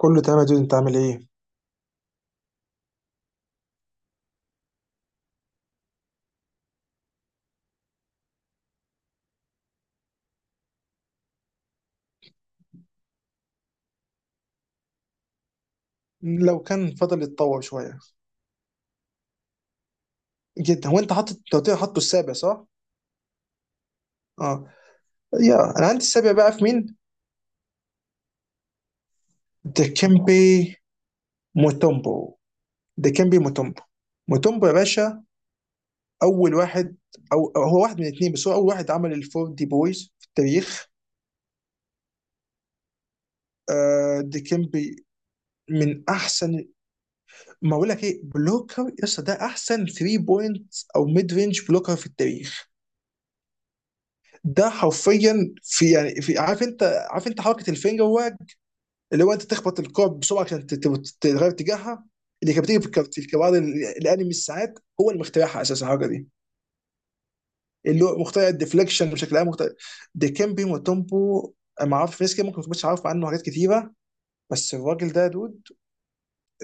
كله تمام يا دود، انت عامل ايه؟ لو كان فضل يتطور شويه جدا. هو انت حاطط، انت قلت لي حاطه السابع صح؟ اه. يا انا عندي السابع بقى في مين؟ ديكيمبي موتومبو. ديكيمبي موتومبو، موتومبو يا باشا. اول واحد، أو هو واحد من الاثنين، بس هو اول واحد عمل الفور دي بويز في التاريخ. آه ديكيمبي، من احسن. ما اقول لك ايه؟ بلوكر يا اسطى، ده احسن 3 بوينت او ميد رينج بلوكر في التاريخ. ده حرفيا في، عارف انت، عارف انت حركه الفينجر، اللي هو انت تخبط الكوب بسرعه عشان تغير اتجاهها، اللي كانت بتيجي في في الكوادر الانمي الساعات، هو اللي مخترعها اساسا الحركه دي. اللي هو مخترع الديفليكشن بشكل عام، مخترع. ديكمبي وتومبو، أنا ما اعرف، ناس كده ممكن ما تكونش عارف عنه حاجات كتيره، بس الراجل ده يا دود،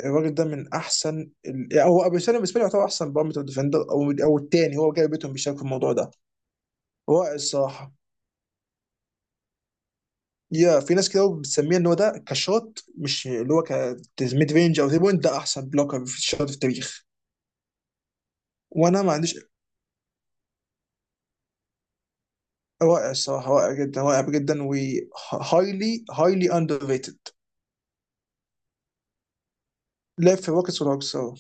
الراجل ده من احسن ال... يعني هو ابو سالم بالنسبه لي، يعتبر احسن بارامتر ديفندر، او الثاني هو جاي بيتهم بيشارك في الموضوع ده. رائع الصراحه. يا في ناس كده بتسميه ان هو ده كشوت، مش اللي هو كميد رينج او تري بوينت، ده احسن بلوكر في الشوت في التاريخ. وانا ما عنديش، رائع الصراحه، رائع جدا، رائع جدا و highly highly underrated. لعب في الروكيتس والهوكس أهو.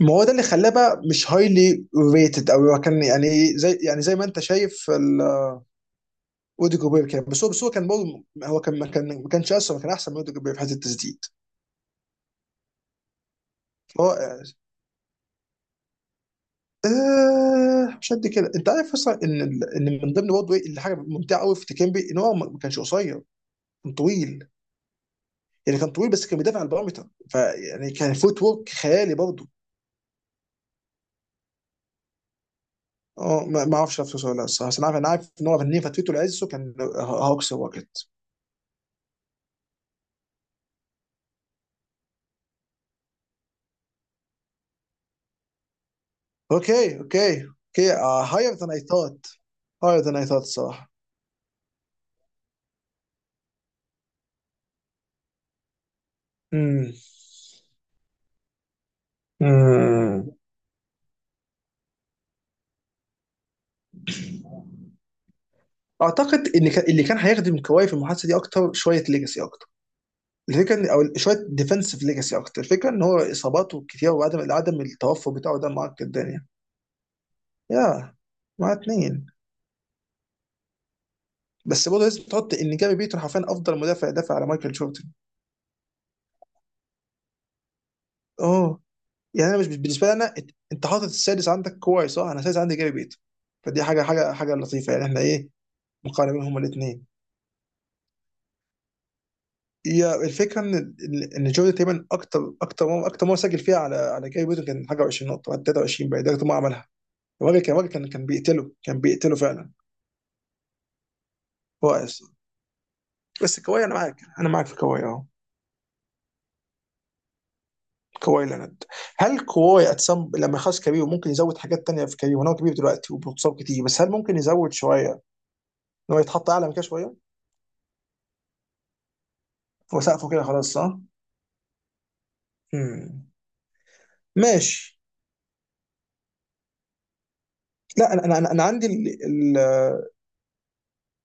ما هو ده اللي خلاه بقى مش هايلي ريتد، او هو كان يعني زي ما انت شايف ال- اودي جوبير، كان بس هو كان برضه، هو كان ما كانش اسرع، كان احسن من اودي جوبير في حته التسديد. رائع. آه مش قد كده، انت عارف اصلا ان ال- ان من ضمن برضه ايه اللي حاجه ممتعه قوي في تيكيمبي، ان هو ما كانش قصير، كان طويل. يعني كان طويل بس كان بيدافع على البارامتر، فيعني كان فوت ورك خيالي برضه. اه ما اعرفش نفسه ولا لا الصراحه، بس انا عارف ان هو فنان. فترته العزه كان آه، هوكس واكت. اوكي اوكي اوكي. هاير ذان اي ثوت، هاير ذان اي ثوت الصراحه. امم امم اعتقد ان اللي كان هيخدم كواي في المحادثه دي اكتر شويه ليجاسي اكتر، الفكره ان او شويه ديفنسيف ليجاسي اكتر. الفكره ان هو اصاباته كتير، وعدم التوفر بتاعه ده معقد الدنيا. يا مع اتنين. بس برضه لازم تحط ان جاري بيتون حرفيا افضل مدافع دافع على مايكل جوردن. اوه. يعني انا، مش بالنسبه لي انا إت- انت حاطط السادس عندك كويس صح؟ انا السادس عندي جاري بيت، فدي حاجه لطيفه. يعني احنا ايه مقارنين هما الاثنين. هي الفكره ان ال- ان جوردن تقريبا، اكتر مره سجل فيها على على جاري بيت كان حاجه 20 نقطه بعد 23، بقى ده اكتر مره عملها. الراجل كان بيقتله، كان بيقتله فعلا. هو أصلاً. بس كواي، انا معاك في كواي اه. كواي لينارد، هل كواي أتسم... لما يخلص كبير ممكن يزود حاجات تانية في كبير؟ هو كبير دلوقتي وبيتصاب كتير، بس هل ممكن يزود شويه ان هو يتحط اعلى من كده شويه؟ وسقفه كده خلاص صح؟ مم. ماشي. لا، انا عندي ال- ال-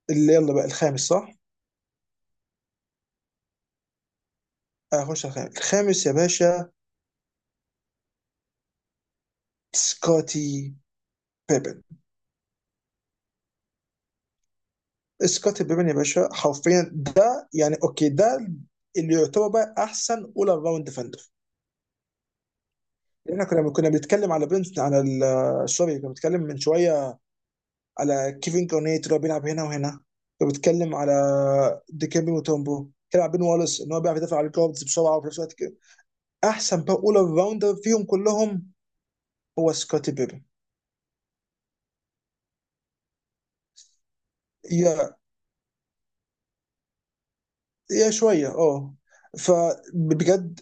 اللي يلا بقى الخامس صح؟ اخش الخامس، الخامس يا باشا. سكوتي بيبن، سكوتي بيبن يا باشا حرفيا. ده يعني اوكي، ده اللي يعتبر بقى احسن اول راوند ديفندر. احنا كنا بنتكلم على بنت على ال- سوري، كنا بنتكلم من شويه على كيفن كورنيت اللي هو بيلعب هنا وهنا، وبتكلم على ديكيمبي موتومبو، بيلعب بين والاس، ان هو بيعرف يدافع على الجاردز بسرعه وفي نفس الوقت كده. احسن بقى اول راوندر فيهم كلهم هو سكوتي بيبن. يا يا شويه اه. فبجد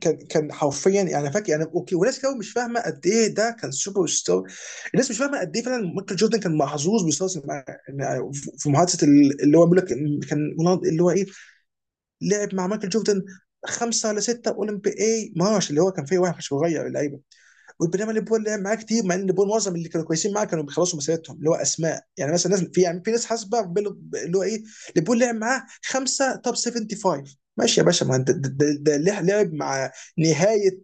كان، كان يعني فاكر. يعني اوكي، وناس كتير مش فاهمه قد ايه ده كان سوبر ستار. الناس مش فاهمه قد ايه فعلا مايكل جوردن كان محظوظ بيستثمر مع، يعني في محادثه اللي هو بيقول لك كان، اللي هو ايه، لعب مع مايكل جوردن خمسه ولا سته اولمبي اي مارش اللي هو كان فيه واحد صغير اللعيب. وبينما ليفربول لعب معاه كتير، مع ان ليفربول معظم اللي كانوا كويسين معاه كانوا بيخلصوا مسيرتهم، اللي هو اسماء يعني مثلا، ناس في، يعني في ناس حاسبه اللي هو ايه، ليفربول لعب معاه خمسه توب 75. ماشي يا باشا، ما انت لعب مع نهايه،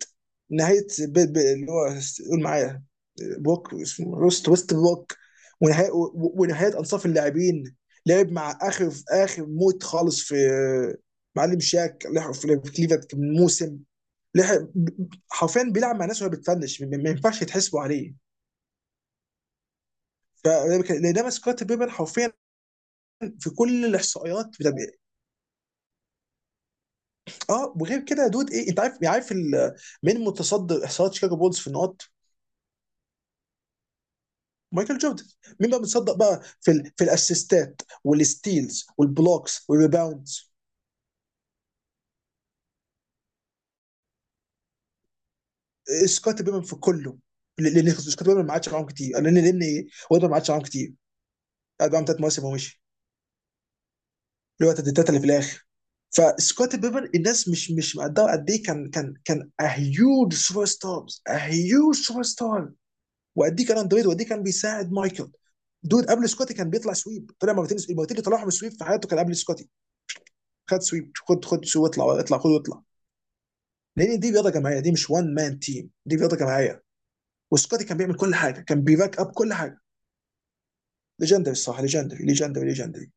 نهايه اللي هو، قول معايا، بوك اسمه روست ويست بوك. ونهايه ونهايه انصاف اللاعبين، لعب مع اخر في اخر موت خالص في آه، معلم شاك، لعب في كليفلاند من موسم لح- حرفيا بيلعب مع ناس وهو بتفنش، ما ينفعش يتحسبوا عليه. ف لان ده سكوت بيبن حرفيا في كل الاحصائيات بتاع. اه وغير كده يا دود، ايه انت عارف، يعني عارف ال- مين متصدر احصائيات شيكاغو بولز في النقط؟ مايكل جوردن. مين بقى متصدر بقى في ال... في الاسيستات والستيلز والبلوكس والريباوندز؟ سكوت بيبن في كله. لان سكوت بيبن ما عادش معاهم كتير، لان وده ما عادش معاهم كتير، قعد معاهم ثلاث مواسم ومشي. اللي هو التسديدات اللي في الاخر. فسكوتي بيبن، الناس مش مقدره قد ايه كان، كان كان هيوج سوبر ستار، هيوج سوبر ستار. وقد ايه كان اندرويد، وقد ايه كان بيساعد مايكل. دود قبل سكوتي كان بيطلع سويب، طلع مرتين، المرتين اللي طلعهم سويب في حياته كان قبل سكوتي. خد سويب، خد سويب، اطلع، اطلع خد واطلع. لان دي رياضه جماعيه، دي مش وان مان تيم، دي رياضه جماعيه. وسكوتي كان بيعمل كل حاجه، كان بيباك اب كل حاجه. ليجندري الصراحه، ليجندري، ليجندري، ليجندري.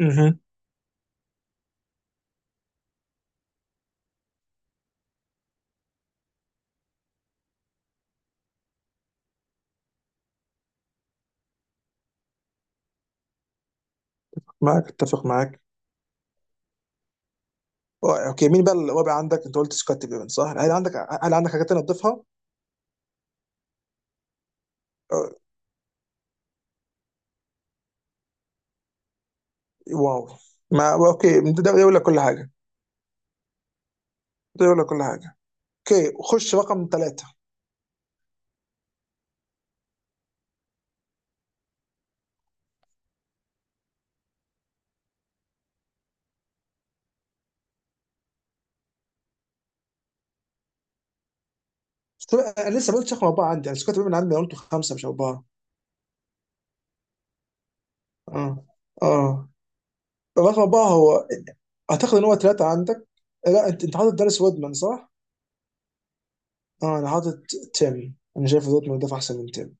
اها. معاك، اتفق معاك. آه، اوكي، مين بقى اللي هو بقى عندك؟ انت قلت سكوت بيبن صح؟ هل عندك، هل عندك حاجات تانية تضيفها؟ آه، واو، ما اوكي ده يقول لك كل حاجه، ده يقول لك كل حاجه. اوكي خش رقم ثلاثة. انا لسه ما قلتش رقم اربعة عندي، انا سكوت بيبن عندي أنا، قلته خمسة مش اربعة. اه اه. رقم اربعة هو، اعتقد ان هو ثلاثة عندك. لا، انت حاطط داريس وودمان صح؟ اه انا حاطط تيم، انا شايف وودمان ده احسن من تيم.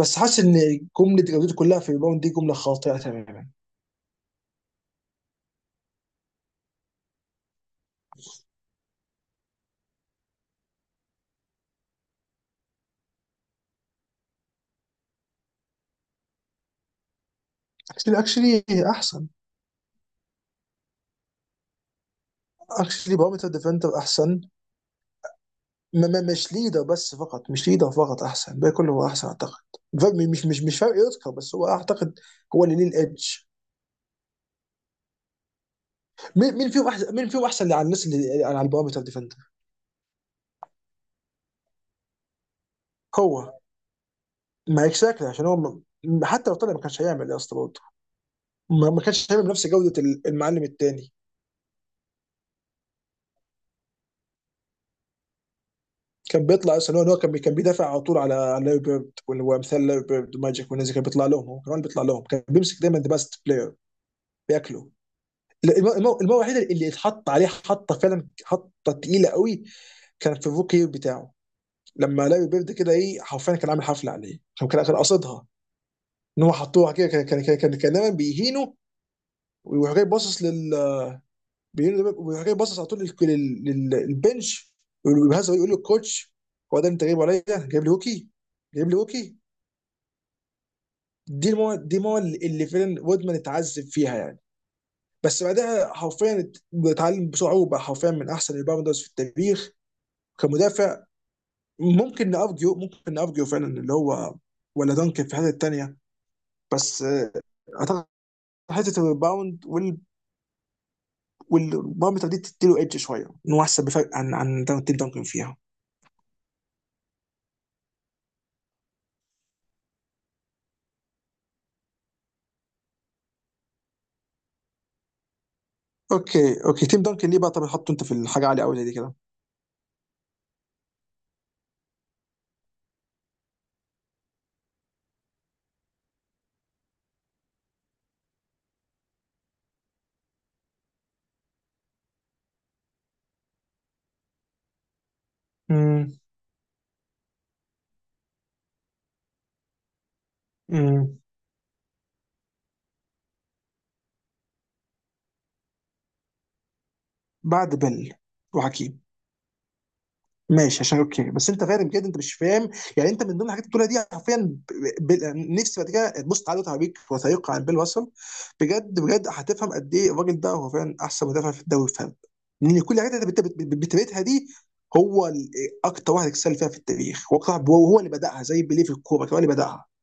بس حاسس ان جملة جودته كلها في الريباوند دي جملة خاطئة تماما. اكشلي احسن، اكشلي بارامتر ديفندر احسن. ما ما مش ليدر بس فقط، مش ليدر فقط، احسن الباقي كله هو احسن اعتقد. فاهم؟ مش فارق يذكر، بس هو اعتقد هو اللي ليه الادج. مين فيهم احسن اللي على الناس اللي على البارامتر ديفندر. هو مايك شاكلي عشان هو حتى لو طلع ما كانش هيعمل يا اسطى برضه، ما كانش هيعمل بنفس جوده ال- المعلم التاني. كان بيطلع اصلا، هو إن هو كان بيدافع على طول على على لاري بيرد وامثال لاري بيرد وماجيك والناس دي، كان بيطلع لهم، هو كمان بيطلع لهم، كان بيمسك دايما ذا بيست بلاير بياكله. لا، المرة الوحيده اللي اتحط عليه حطه فعلا، حطه تقيله قوي كان في الروكي بتاعه. لما لاري بيرد كده ايه، حرفيا كان عامل حفله عليه، كان كان قاصدها ان هو حطوها كده، كان دايما بيهينه، ويروح جاي باصص لل، ويروح جاي باصص على طول للبنش، ويهزر ويقول للكوتش: هو ده اللي انت جايبه عليا؟ جايب لي هوكي، جايب لي هوكي. دي المو اللي فعلا وودمان اتعذب فيها يعني. بس بعدها حرفيا اتعلم بسرعه، وبقى حرفيا من احسن الباوندرز في التاريخ كمدافع. ممكن نارجيو فعلا اللي هو، ولا دانكن في الحته الثانيه، بس آه، اعتقد حته الريباوند وال والبارامتر دي تديله ايدج شويه، ان هو احسن بفرق عن عن تيم دانكن فيها. اوكي اوكي، تيم دانكن ليه بقى؟ طب حطه انت في الحاجه عاليه قوي زي دي كده. امم. بعد بيل وحكيم. ماشي، عشان اوكي، بس انت فاهم بجد انت مش فاهم. يعني انت من ضمن الحاجات اللي بتقولها دي حرفيا ب- نفسي بعد كده تبص تعالى وتعبيك وثائقي عن بيل واسل، بجد بجد هتفهم قد ايه الراجل ده هو فعلا احسن مدافع في الدوري. فاهم؟ لان كل الحاجات اللي انت بتبيتها دي هو ال- اكتر واحد اكسل فيها في التاريخ، وهو اللي بداها زي بيليه في الكوره، هو اللي بداها.